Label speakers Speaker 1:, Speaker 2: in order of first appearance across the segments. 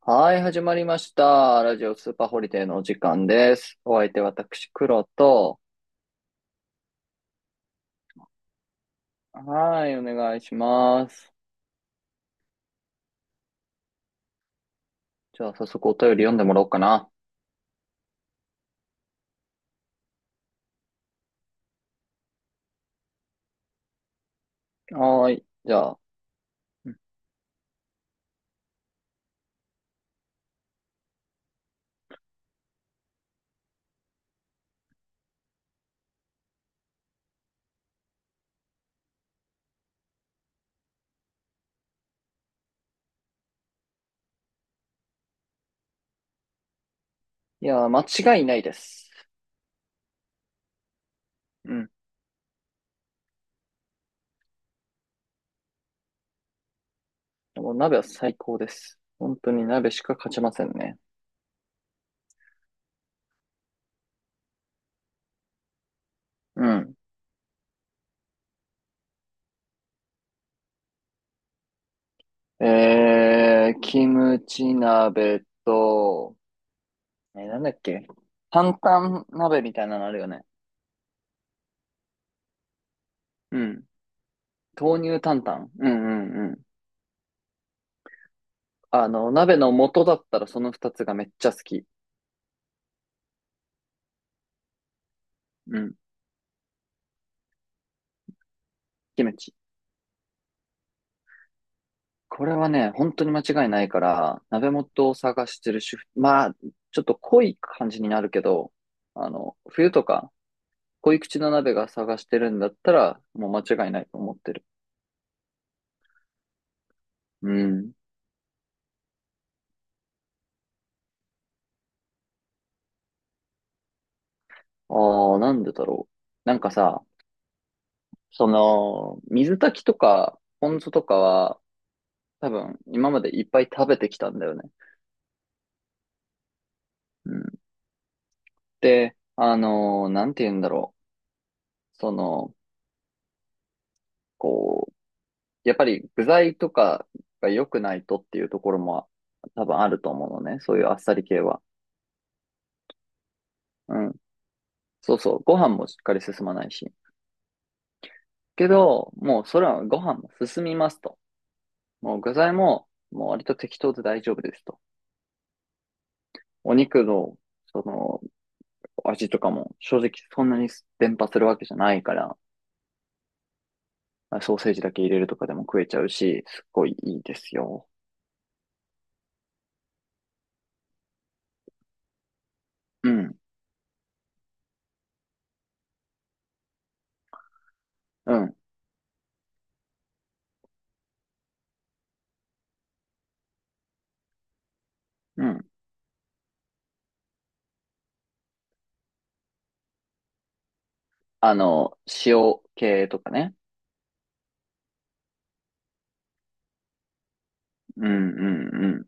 Speaker 1: はい、始まりました。ラジオスーパーホリデーのお時間です。お相手私、黒と、はい、お願いします。じゃあ、早速お便り読んでもらおうかな。はーい、じゃあ、うん、いやー、間違いないです。うん。もう鍋は最高です。本当に鍋しか勝ちませんね。うん。キムチ鍋と、え、なんだっけ。担々鍋みたいなのあるよね。うん。豆乳担々。うんうんうん。あの、鍋の素だったらその二つがめっちゃ好き。うん。キムチ。これはね、本当に間違いないから、鍋元を探してる主婦、まあ、ちょっと濃い感じになるけど、あの、冬とか、濃い口の鍋が探してるんだったら、もう間違いないと思ってる。うん。ああ、なんでだろう。なんかさ、その、水炊きとか、ポン酢とかは、多分、今までいっぱい食べてきたんだよね。うん。で、なんて言うんだろう。その、こう、やっぱり具材とかが良くないとっていうところも多分あると思うのね。そういうあっさり系は。うん。そうそう。ご飯もしっかり進まないし。けど、もうそれはご飯も進みますと。もう具材も、もう割と適当で大丈夫ですと。お肉の、その、味とかも正直そんなに伝播するわけじゃないから、ソーセージだけ入れるとかでも食えちゃうし、すっごいいいですよ。うん、うん、うん。あの、塩系とかね。うん、うん、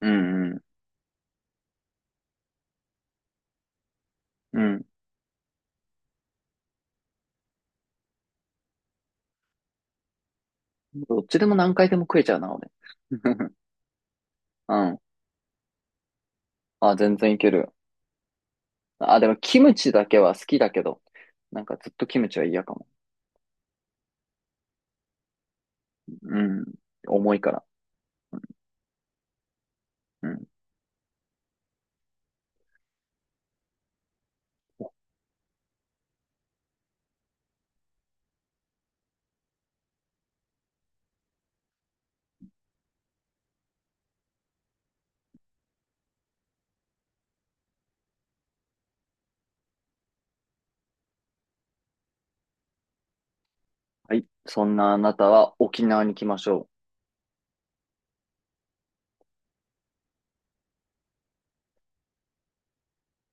Speaker 1: うんうん。うん。どっちでも何回でも食えちゃうな、俺。うん。あ、全然いける。あ、でもキムチだけは好きだけど、なんかずっとキムチは嫌かも。うん。重いから。うん。はい。そんなあなたは沖縄に来ましょ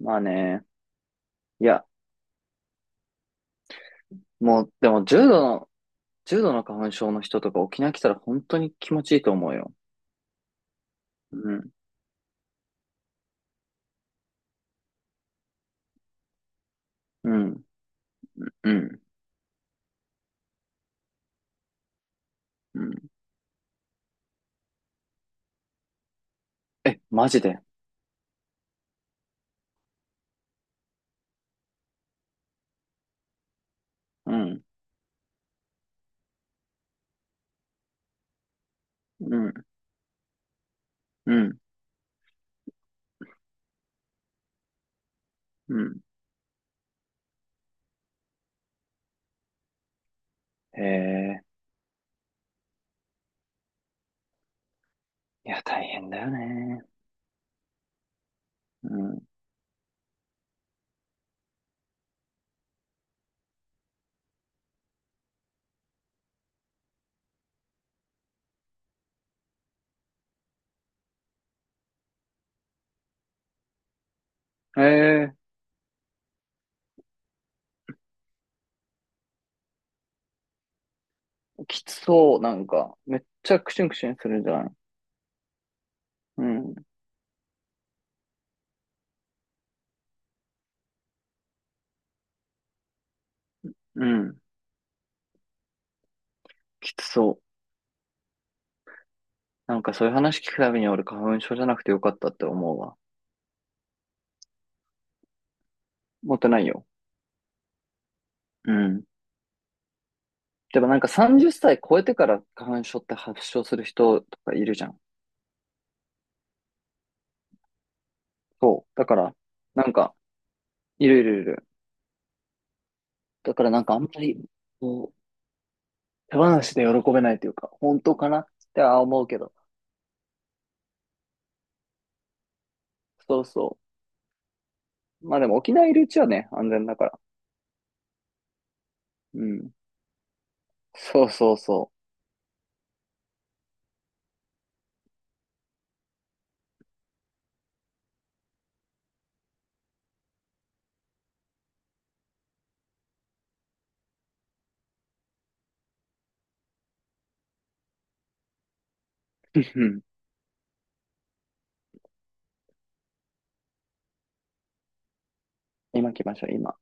Speaker 1: う。まあね。いや、もう、でも重度の、重度の花粉症の人とか沖縄来たら本当に気持ちいいと思うよ。うん。うん。うん。うん。え、マジで。うん。うん。うん。うん。へえ。いや、大変だよね。うん。ええ、きつそう。なんか、めっちゃクシュンクシュンするじゃん。うん。うん。きつそう。なんかそういう話聞くたびに俺花粉症じゃなくてよかったって思うわ。持ってないよ。うん。でもなんか30歳超えてから花粉症って発症する人とかいるじゃん。そう。だから、なんか、いるいるいる。だからなんかあんまり、こう、手放しで喜べないというか、本当かなっては思うけど。そうそう。まあでも沖縄いるうちはね、安全だから。うん。そうそうそう。今来ましょう、今。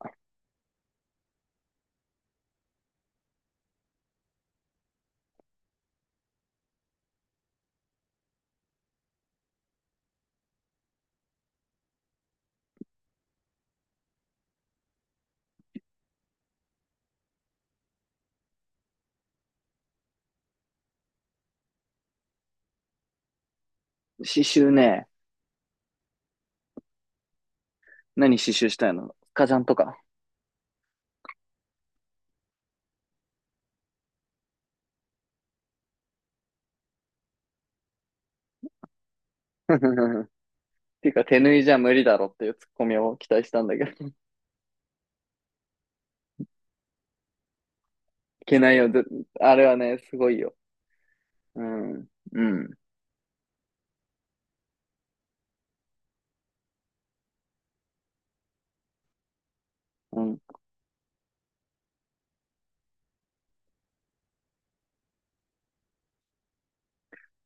Speaker 1: 刺繍ね。何刺繍したいの、スカジャンとか。ていうか、手縫いじゃ無理だろっていうツッコミを期待したんだけど。いけないよ。ずあれはね、すごいよ。うん。うん。うん。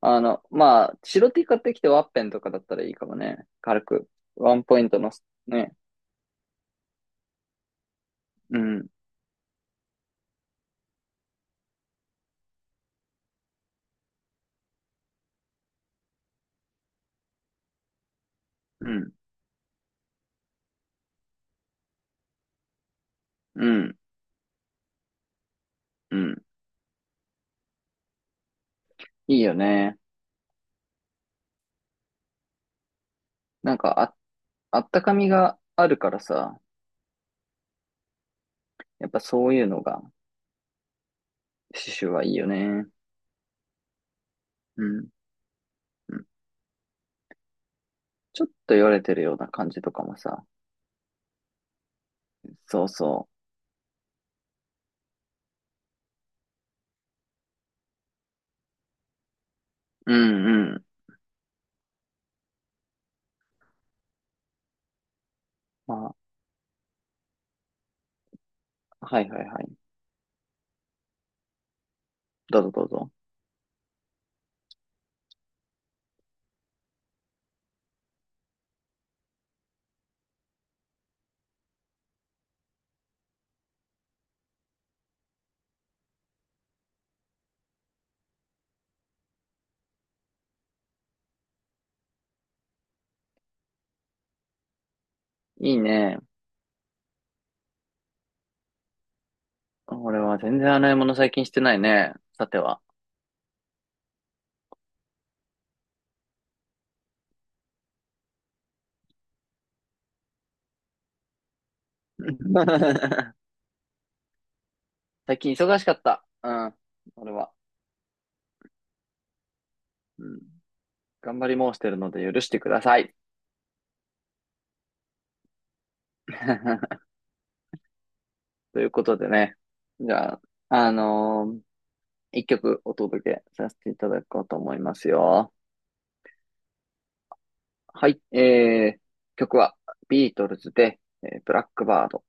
Speaker 1: あの、まあ、白 T 買ってきてワッペンとかだったらいいかもね。軽く。ワンポイントのね。うん。うん。うん。うん。いいよね。なんか、あ、あったかみがあるからさ。やっぱそういうのが、刺繍はいいよね。うんうん。ちょっと言われてるような感じとかもさ。そうそう。うんうん。まあ、はいはいはい。どうぞどうぞ。いいね。俺は全然洗い物最近してないね。さては。最近忙しかった。うん。俺は。うん。頑張り申してるので許してください。ということでね。じゃあ、あのー一曲お届けさせていただこうと思いますよ。はい。曲はビートルズで、ブラックバード。